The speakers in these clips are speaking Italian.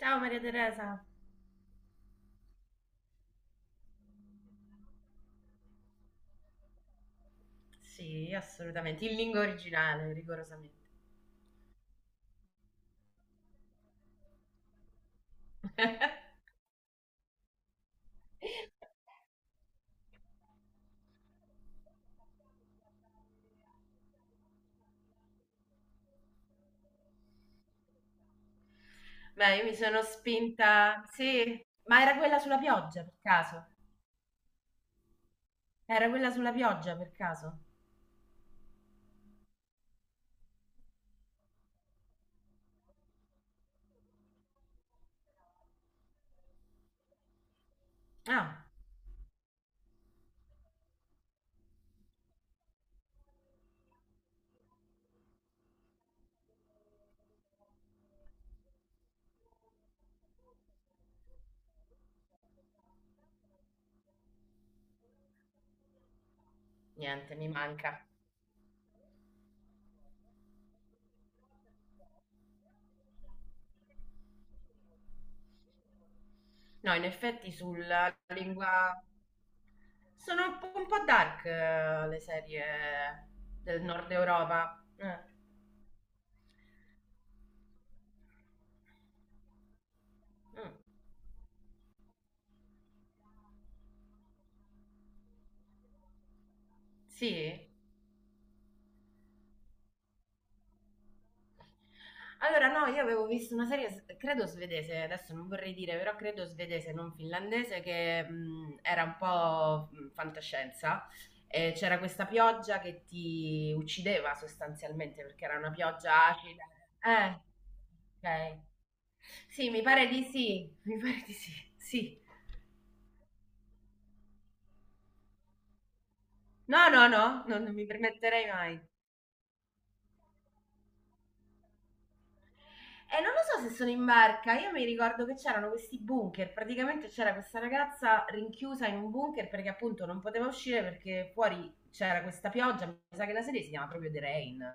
Ciao Maria Teresa. Sì, assolutamente, in lingua originale, rigorosamente. Beh, io mi sono spinta. Sì, ma era quella sulla pioggia per caso? Era quella sulla pioggia per caso? Ah, niente, mi manca. No, in effetti sulla lingua sono un po' dark le serie del nord Europa. Mm. Sì? Allora, no, io avevo visto una serie, credo svedese, adesso non vorrei dire, però credo svedese, non finlandese, che era un po' fantascienza. E c'era questa pioggia che ti uccideva sostanzialmente perché era una pioggia acida. Eh, ok. Sì, mi pare di sì, mi pare di sì, sì. No, no, no, non mi permetterei mai. E non lo so se sono in barca, io mi ricordo che c'erano questi bunker, praticamente c'era questa ragazza rinchiusa in un bunker perché appunto non poteva uscire perché fuori c'era questa pioggia, mi sa che la serie si chiama proprio The Rain,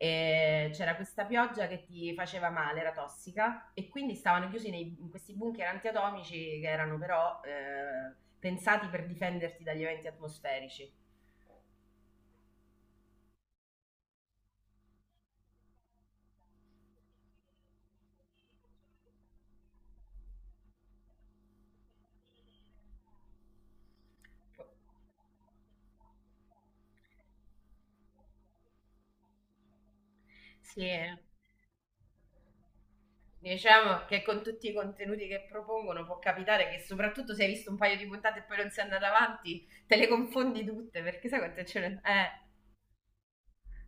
e c'era questa pioggia che ti faceva male, era tossica e quindi stavano chiusi in questi bunker antiatomici che erano però pensati per difenderti dagli eventi atmosferici. Sì, diciamo che con tutti i contenuti che propongono può capitare che soprattutto se hai visto un paio di puntate e poi non sei andata avanti, te le confondi tutte perché sai quante ce ne...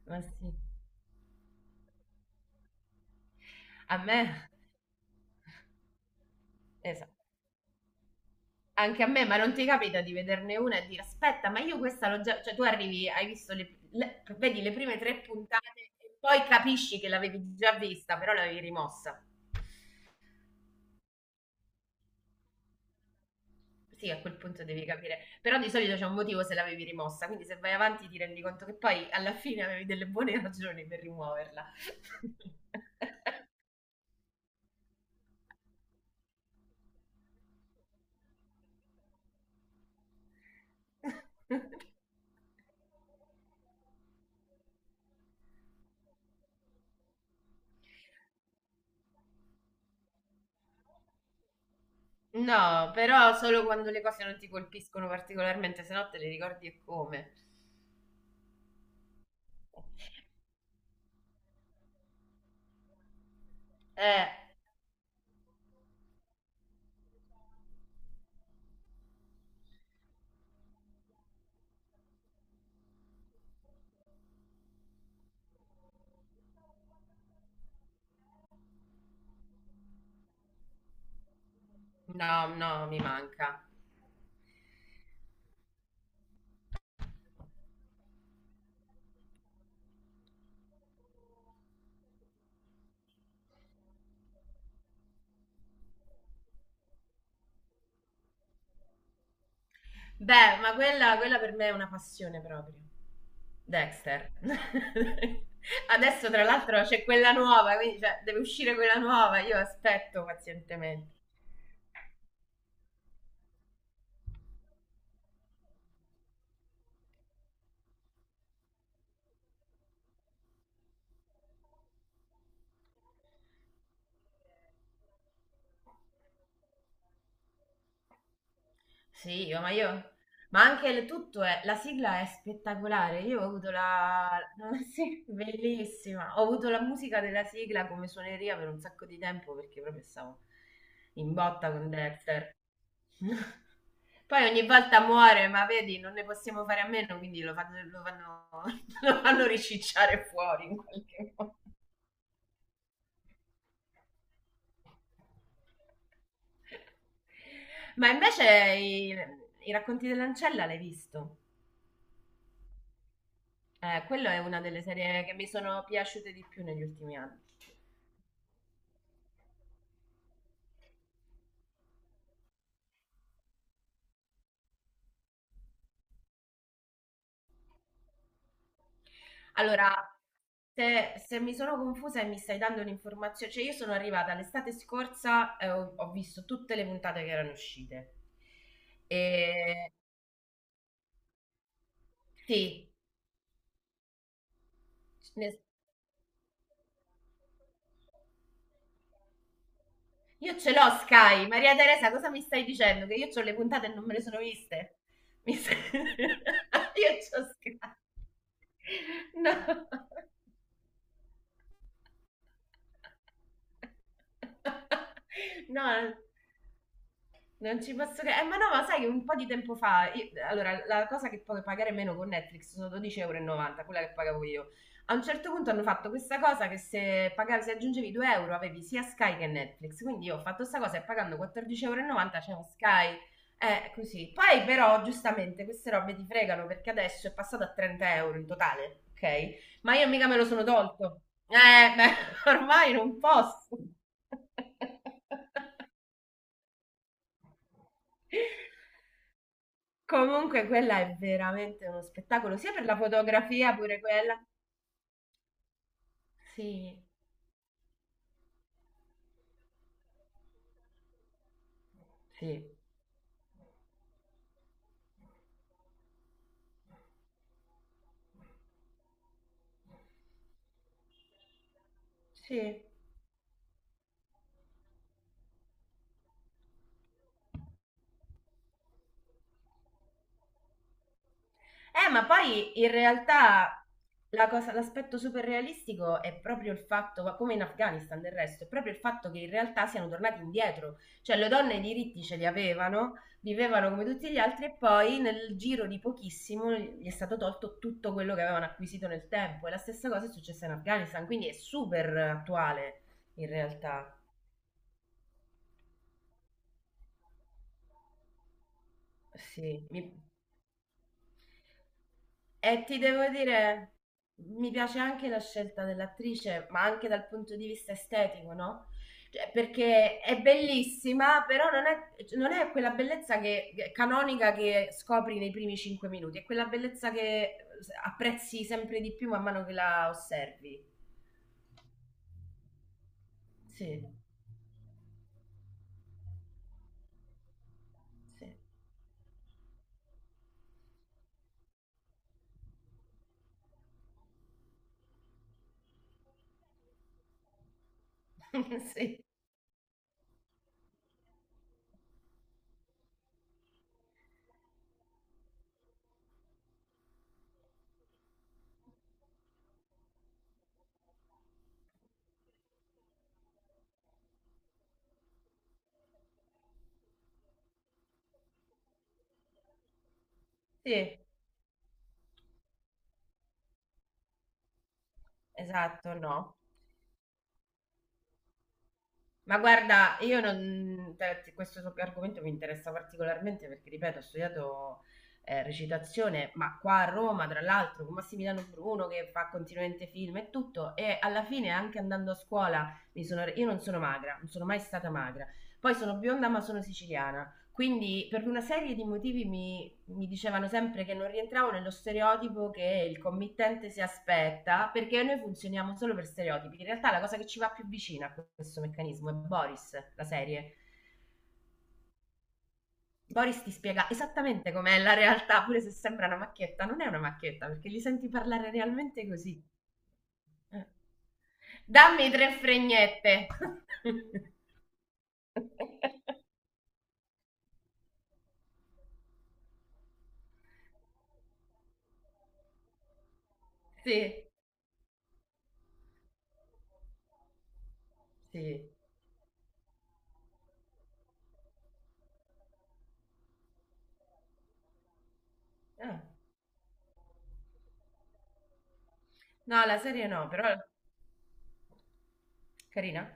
ma sì. A me, esatto. Anche a me, ma non ti capita di vederne una e dire aspetta, ma io questa l'ho già... Cioè tu arrivi, hai visto vedi le prime tre puntate e poi capisci che l'avevi già vista, però l'avevi rimossa. Sì, a quel punto devi capire, però di solito c'è un motivo se l'avevi rimossa, quindi se vai avanti ti rendi conto che poi alla fine avevi delle buone ragioni per rimuoverla. No, però solo quando le cose non ti colpiscono particolarmente, se no te le ricordi e come. Eh, no, no, mi manca. Beh, ma quella, quella per me è una passione proprio. Dexter. Adesso tra l'altro c'è quella nuova, quindi cioè, deve uscire quella nuova, io aspetto pazientemente. Sì, ma io... Ma anche il tutto è... La sigla è spettacolare. Io ho avuto la... Sì, bellissima. Ho avuto la musica della sigla come suoneria per un sacco di tempo perché proprio stavo in botta con Dexter. Poi ogni volta muore, ma vedi, non ne possiamo fare a meno, quindi lo fanno, lo fanno ricicciare fuori in qualche modo. Ma invece i, i racconti dell'ancella l'hai visto? Quello è una delle serie che mi sono piaciute di più negli ultimi anni. Allora, se mi sono confusa e mi stai dando un'informazione, cioè io sono arrivata l'estate scorsa e ho visto tutte le puntate che erano uscite. E sì, ne- io ce l'ho Sky. Maria Teresa, cosa mi stai dicendo? Che io ho le puntate e non me le sono viste? Mi stai- Io c'ho Sky. No. No. Non ci posso credere. Ma no, ma sai che un po' di tempo fa, allora, la cosa che puoi pagare meno con Netflix sono 12,90 euro, quella che pagavo io. A un certo punto hanno fatto questa cosa che se pagavi, se aggiungevi 2 euro avevi sia Sky che Netflix. Quindi io ho fatto questa cosa e pagando 14,90 euro c'è un Sky. Così. Poi però, giustamente, queste robe ti fregano perché adesso è passato a 30 euro in totale, ok? Ma io mica me lo sono tolto. Beh, ormai non posso. Comunque quella è veramente uno spettacolo, sia per la fotografia pure quella. Sì, sì, sì. Ma poi in realtà la cosa- l'aspetto super realistico è proprio il fatto, ma come in Afghanistan del resto, è proprio il fatto che in realtà siano tornati indietro. Cioè le donne i diritti ce li avevano, vivevano come tutti gli altri e poi nel giro di pochissimo gli è stato tolto tutto quello che avevano acquisito nel tempo. E la stessa cosa è successa in Afghanistan, quindi è super attuale in realtà. Sì, mi- e ti devo dire, mi piace anche la scelta dell'attrice, ma anche dal punto di vista estetico, no? Cioè, perché è bellissima, però non è, non è quella bellezza che- canonica che scopri nei primi cinque minuti, è quella bellezza che apprezzi sempre di più man mano che la osservi. Sì, sì, sì, sì, esatto, no. Ma guarda, io non, questo argomento mi interessa particolarmente perché, ripeto, ho studiato recitazione, ma qua a Roma, tra l'altro, con Massimiliano Bruno che fa continuamente film e tutto, e alla fine anche andando a scuola mi sono, io non sono magra, non sono mai stata magra. Poi sono bionda ma sono siciliana, quindi per una serie di motivi mi dicevano sempre che non rientravo nello stereotipo che il committente si aspetta, perché noi funzioniamo solo per stereotipi. In realtà la cosa che ci va più vicina a questo meccanismo è Boris, la serie. Boris ti spiega esattamente com'è la realtà, pure se sembra una macchietta, non è una macchietta, perché li senti parlare realmente così. Dammi tre fregnette. Sì, sì. Ah. No, la serie no, però carina.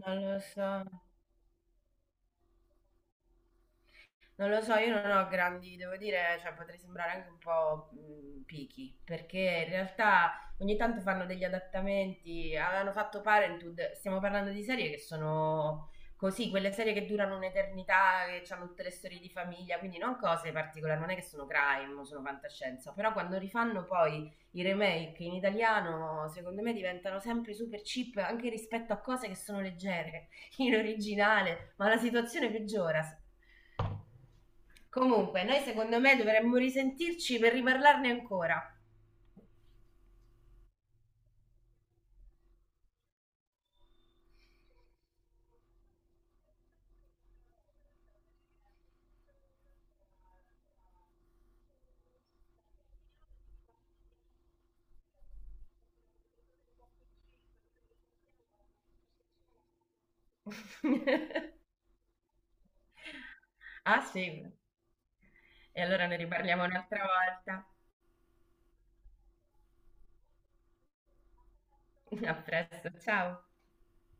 Non lo so. Non lo so, io non ho grandi, devo dire, cioè potrei sembrare anche un po' picky, perché in realtà ogni tanto fanno degli adattamenti, avevano fatto Parenthood, stiamo parlando di serie che sono così, quelle serie che durano un'eternità, che hanno tutte le storie di famiglia, quindi non cose particolari, non è che sono crime, o sono fantascienza, però quando rifanno poi i remake in italiano, secondo me diventano sempre super cheap anche rispetto a cose che sono leggere in originale, ma la situazione peggiora. Comunque, noi secondo me dovremmo risentirci per riparlarne ancora. Ah sì, e allora ne riparliamo un'altra volta. A presto, ciao.